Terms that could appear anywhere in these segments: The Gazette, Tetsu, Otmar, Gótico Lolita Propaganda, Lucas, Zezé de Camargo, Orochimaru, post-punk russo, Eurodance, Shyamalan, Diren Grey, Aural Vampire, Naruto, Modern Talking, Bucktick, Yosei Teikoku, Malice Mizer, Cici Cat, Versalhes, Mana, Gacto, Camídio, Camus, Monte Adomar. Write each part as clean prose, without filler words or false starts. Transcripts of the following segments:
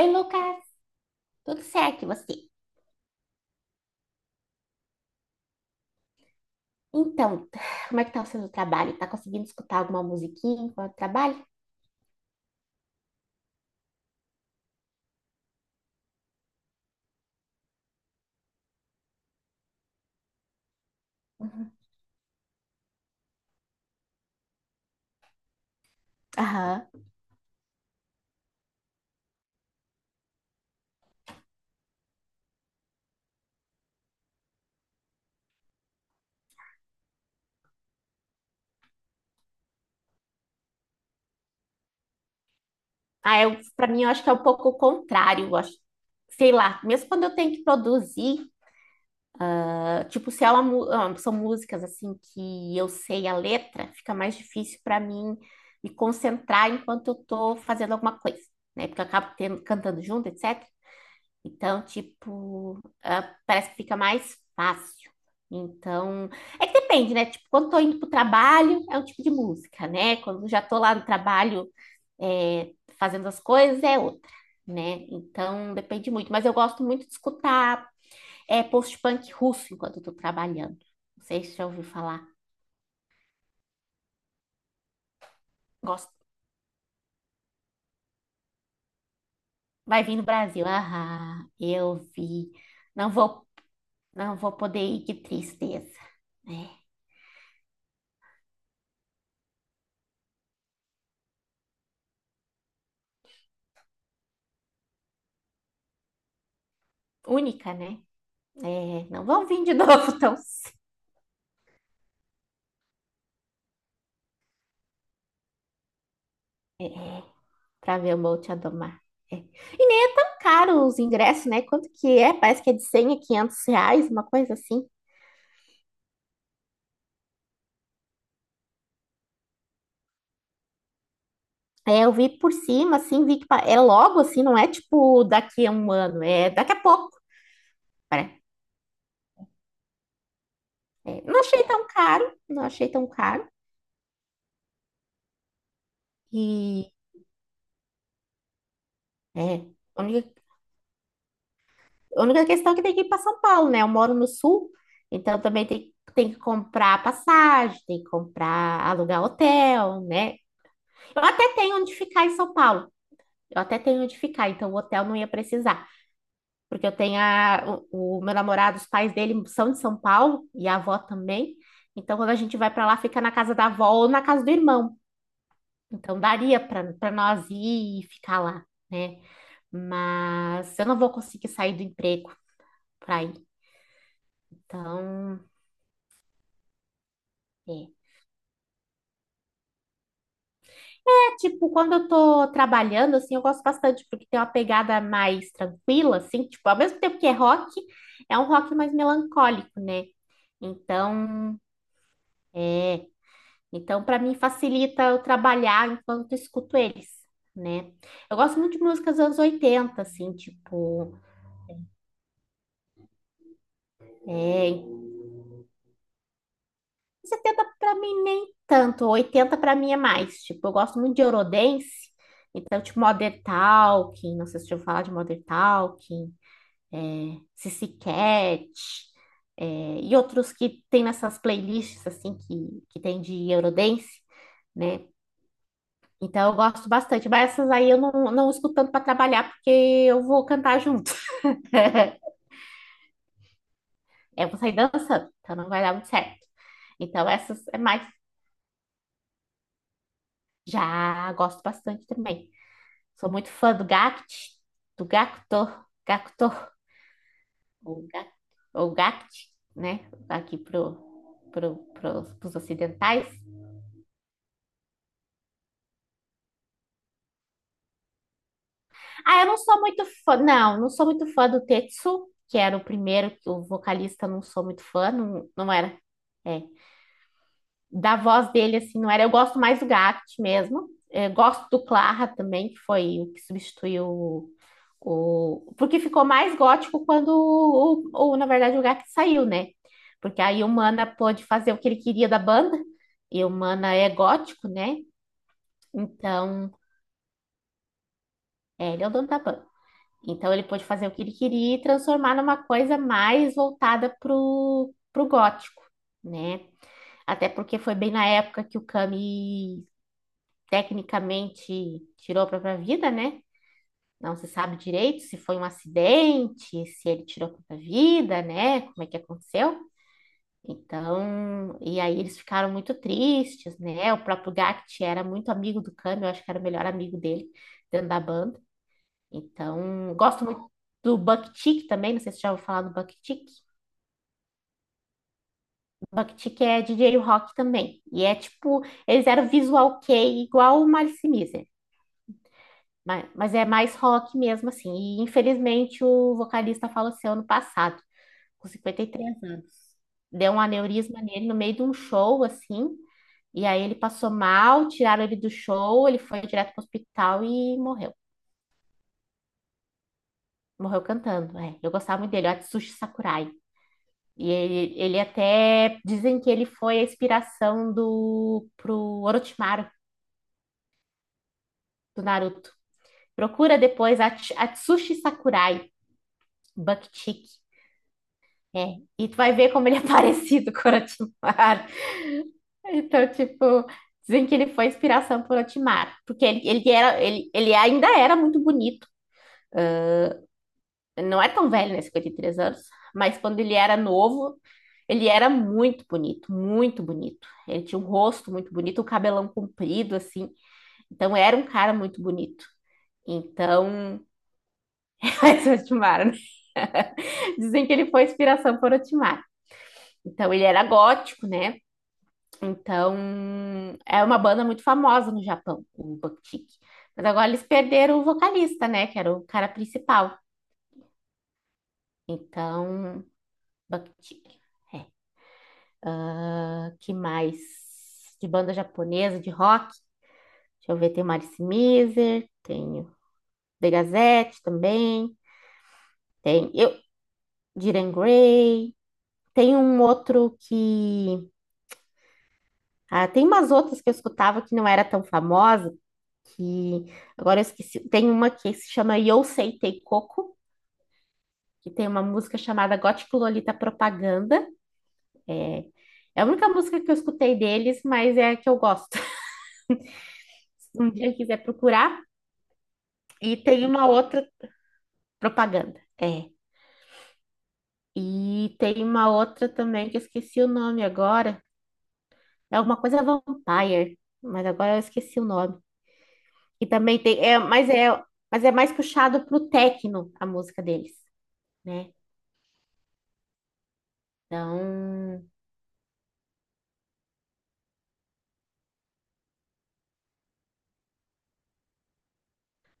Oi, Lucas, tudo certo e você? Então, como é que tá sendo o seu trabalho? Tá conseguindo escutar alguma musiquinha enquanto trabalha? Uhum. Aham. Ah, pra mim, eu acho que é um pouco o contrário, eu acho. Sei lá, mesmo quando eu tenho que produzir, tipo, se é são músicas assim que eu sei a letra, fica mais difícil para mim me concentrar enquanto eu tô fazendo alguma coisa, né? Porque eu acabo cantando junto, etc. Então, tipo, parece que fica mais fácil. Então, é que depende, né? Tipo, quando tô indo pro trabalho, é um tipo de música, né? Quando já tô lá no trabalho, é, fazendo as coisas, é outra, né? Então, depende muito. Mas eu gosto muito de escutar, post-punk russo enquanto eu tô trabalhando. Não sei se você já ouviu falar. Gosto. Vai vir no Brasil. Ah, eu vi. Não vou, não vou poder ir, que tristeza. É única, né? É, não vão vir de novo tão para ver o Monte Adomar. É. E nem é tão caro os ingressos, né? Quanto que é? Parece que é de 100 a 500 reais, uma coisa assim. É, eu vi por cima, assim, vi que é logo, assim, não é tipo daqui a um ano, é daqui a pouco. pare- não achei tão caro, não achei tão caro. E é, a única, a única questão é que tem que ir para São Paulo, né? Eu moro no sul, então também tem que comprar passagem, alugar hotel, né? Eu até tenho onde ficar em São Paulo. Eu até tenho onde ficar, então o hotel não ia precisar. Porque eu tenho o meu namorado, os pais dele são de São Paulo e a avó também. Então, quando a gente vai para lá, fica na casa da avó ou na casa do irmão. Então, daria para nós ir e ficar lá, né? Mas eu não vou conseguir sair do emprego para ir. Então, é. Tipo, quando eu tô trabalhando, assim, eu gosto bastante, porque tem uma pegada mais tranquila, assim, tipo, ao mesmo tempo que é rock, é um rock mais melancólico, né? Então, é, então para mim facilita eu trabalhar enquanto escuto eles, né? Eu gosto muito de músicas dos anos 80, assim, tipo, é, 70 para mim nem tanto, 80 para mim é mais, tipo, eu gosto muito de Eurodance, então, tipo, Modern Talking, não sei se eu vou falar de Modern Talking, é, Cici Cat, é, e outros que, tem nessas playlists, assim, que tem de Eurodance, né? Então eu gosto bastante, mas essas aí eu não escuto tanto para trabalhar, porque eu vou cantar junto. Eu vou sair dançando, então não vai dar muito certo. Então essas é mais. Já gosto bastante também. Sou muito fã do Gact, do Gacto, Gacto, ou Gact, ou Gact, né? Aqui pros ocidentais. Ah, eu não sou muito fã, não, não sou muito fã do Tetsu, que era o primeiro, que o vocalista não sou muito fã, não era, é, da voz dele, assim, não era, eu gosto mais do Gact mesmo. Gosto do Clara também, que foi o que substituiu porque ficou mais gótico quando, o, na verdade, o Gact saiu, né, porque aí o Mana pôde fazer o que ele queria da banda, e o Mana é gótico, né, então, ele é o dono da banda. Então ele pôde fazer o que ele queria e transformar numa coisa mais voltada pro gótico, né? Até porque foi bem na época que o Camus tecnicamente tirou a própria vida, né? Não se sabe direito se foi um acidente, se ele tirou a própria vida, né? Como é que aconteceu? Então, e aí eles ficaram muito tristes, né? O próprio Gact era muito amigo do Camus, eu acho que era o melhor amigo dele dentro da banda. Então, gosto muito do buck também, não sei se você já ouviu falar do Buck-Chick. É chick é rock também. E é tipo, eles eram visual kei igual o Malice Mizer, mas é mais rock mesmo assim. E infelizmente o vocalista faleceu ano passado, com 53 anos. Deu um aneurisma nele no meio de um show assim, e aí ele passou mal, tiraram ele do show, ele foi direto para o hospital e morreu. Morreu cantando, é. Eu gostava muito dele, o Atsushi Sakurai. E ele até dizem que ele foi a inspiração do pro Orochimaru do Naruto. Procura depois Atsushi Sakurai, Buckchick. É, e tu vai ver como ele é parecido com o Orochimaru. Então, tipo, dizem que ele foi a inspiração pro Orochimaru, porque ele ainda era muito bonito. Ele não é tão velho, né? 53 anos. Mas quando ele era novo, ele era muito bonito, muito bonito. Ele tinha um rosto muito bonito, um cabelão comprido, assim. Então, era um cara muito bonito. Então, esse é o Otmar, né? Dizem que ele foi inspiração por Otmar. Então, ele era gótico, né? Então, é uma banda muito famosa no Japão, o Bucktick. Mas agora eles perderam o vocalista, né? Que era o cara principal. Então, Bucktick. É. Ah, que mais? De banda japonesa, de rock. Deixa eu ver, tem Marice Mizer, tenho The Gazette também, tem eu, Diren Grey, tem um outro que... Ah, tem umas outras que eu escutava que não era tão famosa, que agora eu esqueci. Tem uma que se chama Yosei Teikoku, que tem uma música chamada Gótico Lolita Propaganda. É, é a única música que eu escutei deles, mas é a que eu gosto. Um dia eu quiser procurar. E tem uma outra Propaganda. E tem uma outra também que eu esqueci o nome agora. É alguma coisa Vampire, mas agora eu esqueci o nome. E também tem, mas é mais puxado pro techno a música deles, né? Então,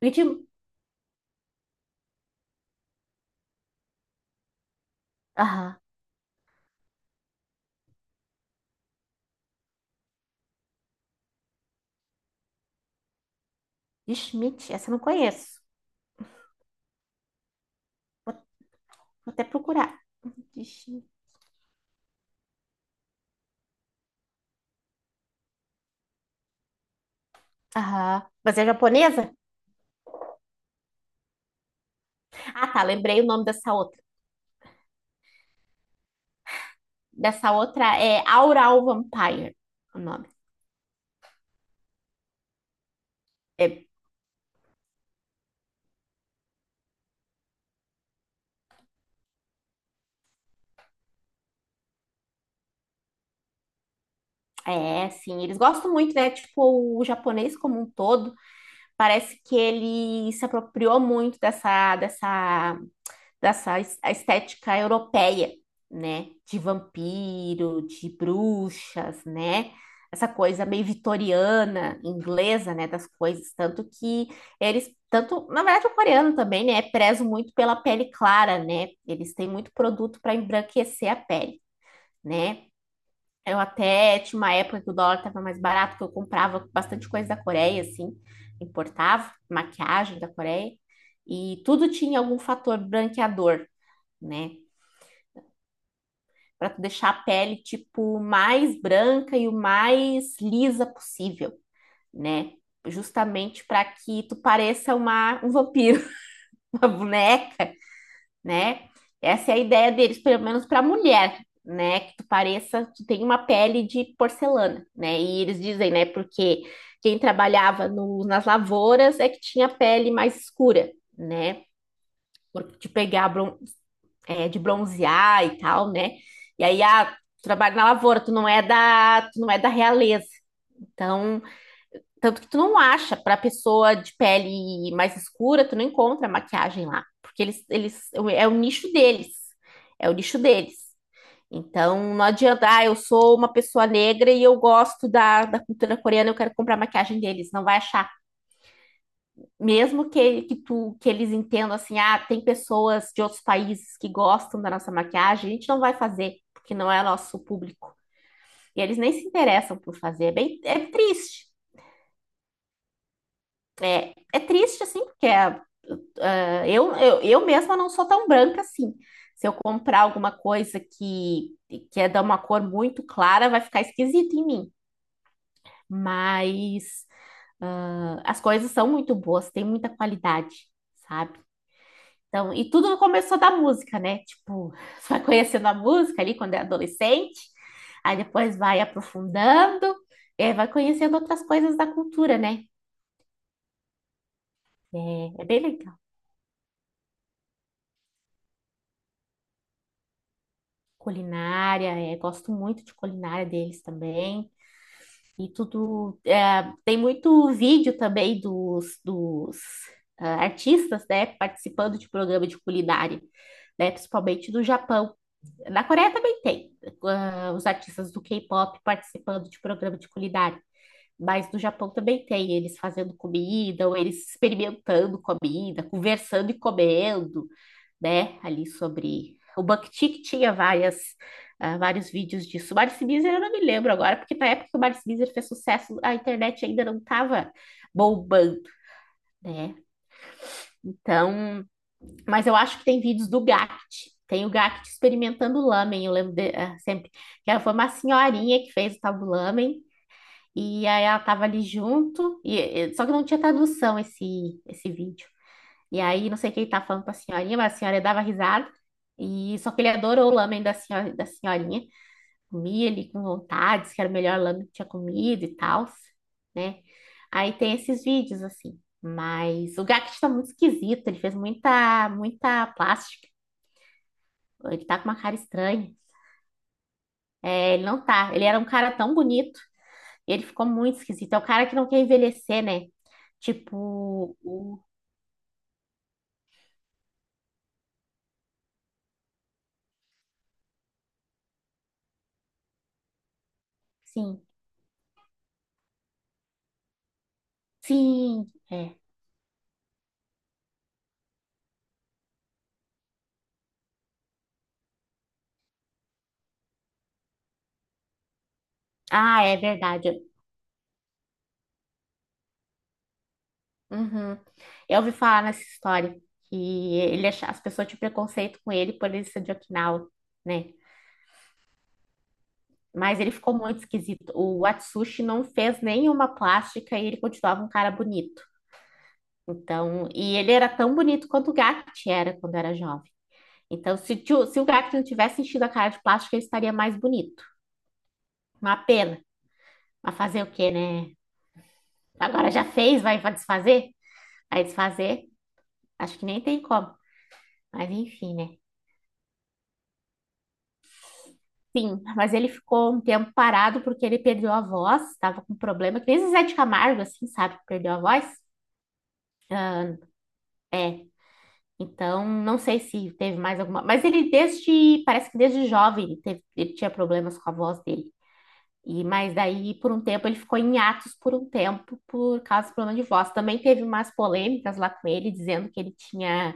Ritmo, aham, de Schmidt, essa eu não conheço. Vou até procurar. De Schmidt. Aham. Mas é japonesa? Ah, tá, lembrei o nome dessa outra. Dessa outra é Aural Vampire, o nome. É. É, sim, eles gostam muito, né? Tipo, o japonês como um todo, parece que ele se apropriou muito a estética europeia, né? De vampiro, de bruxas, né? Essa coisa meio vitoriana, inglesa, né? Das coisas. Tanto que tanto, na verdade, o coreano também, né? Prezo muito pela pele clara, né? Eles têm muito produto para embranquecer a pele, né? Eu até tinha uma época que o dólar estava mais barato, que eu comprava bastante coisa da Coreia, assim, importava maquiagem da Coreia, e tudo tinha algum fator branqueador, né? Para tu deixar a pele, tipo, mais branca e o mais lisa possível, né? Justamente para que tu pareça um vampiro, uma boneca, né? Essa é a ideia deles, pelo menos para a mulher, né? Que tu pareça, tu tem uma pele de porcelana, né? E eles dizem, né? Porque quem trabalhava nas lavouras é que tinha pele mais escura, né? De pegar, de bronzear e tal, né? E aí, tu trabalha na lavoura, tu não é da realeza. Então, tanto que tu não acha, pra pessoa de pele mais escura, tu não encontra maquiagem lá. Porque é o nicho deles. É o nicho deles. Então, não adianta, eu sou uma pessoa negra e eu gosto da cultura coreana, eu quero comprar maquiagem deles. Não vai achar. Mesmo que eles entendam assim, tem pessoas de outros países que gostam da nossa maquiagem, a gente não vai fazer, porque não é nosso público. E eles nem se interessam por fazer. É triste. É triste, assim, porque é, eu mesma não sou tão branca assim. Se eu comprar alguma coisa que é de uma cor muito clara, vai ficar esquisito em mim. Mas as coisas são muito boas, tem muita qualidade, sabe? Então, e tudo começou da música, né? Tipo, você vai conhecendo a música ali quando é adolescente, aí depois vai aprofundando, e aí vai conhecendo outras coisas da cultura, né? É bem legal. Culinária, gosto muito de culinária deles também. E tudo. Tem muito vídeo também dos artistas, né, participando de programa de culinária, né, principalmente do Japão. Na Coreia também tem, os artistas do K-pop participando de programa de culinária. Mas no Japão também tem, eles fazendo comida, ou eles experimentando comida, conversando e comendo, né, ali sobre... O BuckTik tinha vários vídeos disso. O Marcio Bizer eu não me lembro agora, porque na época que o Marcio Bizer fez sucesso, a internet ainda não estava bombando, né? Então, mas eu acho que tem vídeos do Gact. Tem o Gact experimentando lamen, eu lembro sempre. Que ela foi uma senhorinha que fez o tal do lamen, e aí ela estava ali junto, só que não tinha tradução esse vídeo. E aí, não sei quem tá falando pra senhorinha, mas a senhora dava risada. E só que ele adorou o lamen da senhora, da senhorinha. Comia ele com vontade, disse que era o melhor lamen que tinha comido e tal, né? Aí tem esses vídeos assim. Mas o Gackt tá muito esquisito, ele fez muita plástica. Ele tá com uma cara estranha. É, ele não tá. Ele era um cara tão bonito, ele ficou muito esquisito. É o cara que não quer envelhecer, né? Tipo, o... sim. Sim, é. Ah, é verdade. Uhum. Eu ouvi falar nessa história as pessoas tinham preconceito com ele por ele ser de Okinawa, né? Mas ele ficou muito esquisito. O Atsushi não fez nenhuma plástica e ele continuava um cara bonito. Então, e ele era tão bonito quanto o Gakt era quando era jovem. Então, se o Gakt não tivesse enchido a cara de plástica, ele estaria mais bonito. Uma pena. Mas fazer o quê, né? Agora já fez, vai desfazer? Vai desfazer? Acho que nem tem como. Mas enfim, né? Sim, mas ele ficou um tempo parado porque ele perdeu a voz, estava com problema, que nem Zezé de Camargo, assim, sabe, que perdeu a voz. É, então não sei se teve mais alguma, mas parece que desde jovem ele tinha problemas com a voz dele. E mas daí por um tempo ele ficou em hiatus por um tempo por causa do problema de voz. Também teve umas polêmicas lá com ele dizendo que ele tinha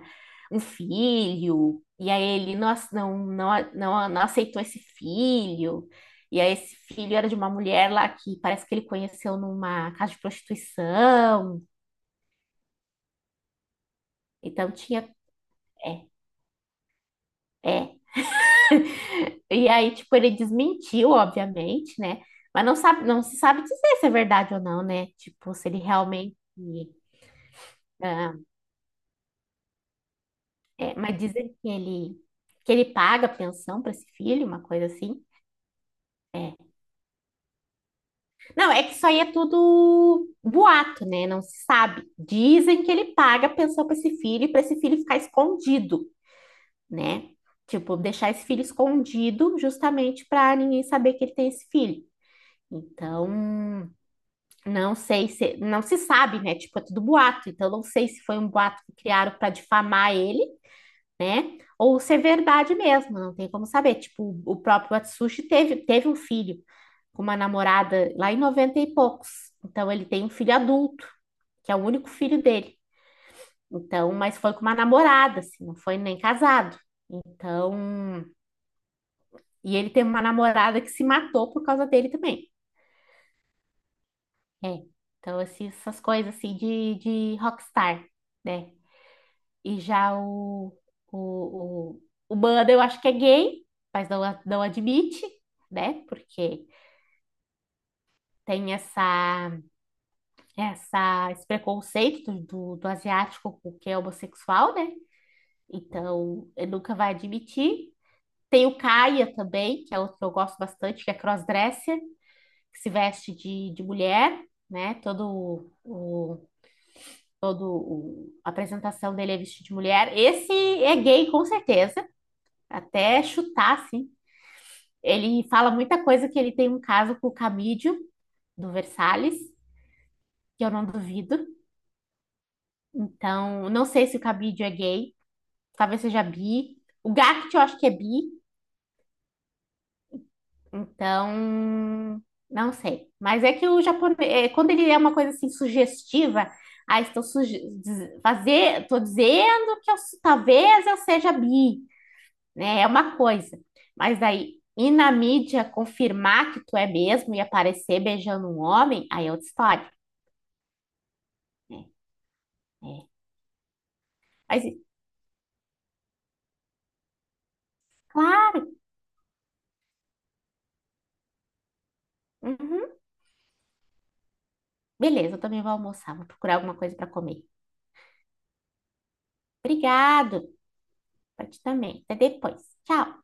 um filho e aí ele não, ace- não, não, não, não aceitou esse filho. E aí esse filho era de uma mulher lá que parece que ele conheceu numa casa de prostituição. Então tinha é, é. E aí tipo ele desmentiu, obviamente, né? Mas não se sabe dizer se é verdade ou não, né? Tipo, se ele realmente ah, mas dizem que ele paga pensão para esse filho, uma coisa assim. É. Não, é que isso aí é tudo boato, né? Não se sabe. Dizem que ele paga pensão para esse filho e para esse filho ficar escondido, né? Tipo, deixar esse filho escondido justamente para ninguém saber que ele tem esse filho. Então, não se sabe, né? Tipo, é tudo boato. Então, não sei se foi um boato que criaram para difamar ele, né? Ou ser verdade mesmo, não tem como saber. Tipo, o próprio Atsushi teve um filho com uma namorada lá em 90 e poucos. Então, ele tem um filho adulto, que é o único filho dele. Então, mas foi com uma namorada, assim, não foi nem casado. Então, e ele teve uma namorada que se matou por causa dele também. É. Então, assim, essas coisas assim de rockstar, né? E já o, o, o Banda, eu acho que é gay, mas não admite, né? Porque tem esse preconceito do asiático com o que é homossexual, né? Então, ele nunca vai admitir. Tem o Kaia também, que é outro que eu gosto bastante, que é crossdresser, que se veste de mulher, né? A apresentação dele é vestido de mulher. Esse é gay, com certeza. Até chutar, assim, ele fala muita coisa que ele tem um caso com o Camídio, do Versalhes, que eu não duvido. Então, não sei se o Camídio é gay, talvez seja bi. O Gact eu acho que é bi, então não sei. Mas é que o japonês, é, quando ele é uma coisa assim sugestiva, estou dizendo que talvez eu seja bi, né? É uma coisa. Mas daí ir na mídia confirmar que tu é mesmo e aparecer beijando um homem, aí é outra história. É, é. Mas, claro. Uhum. Beleza, eu também vou almoçar. Vou procurar alguma coisa para comer. Obrigado. Pra ti também. Até depois. Tchau.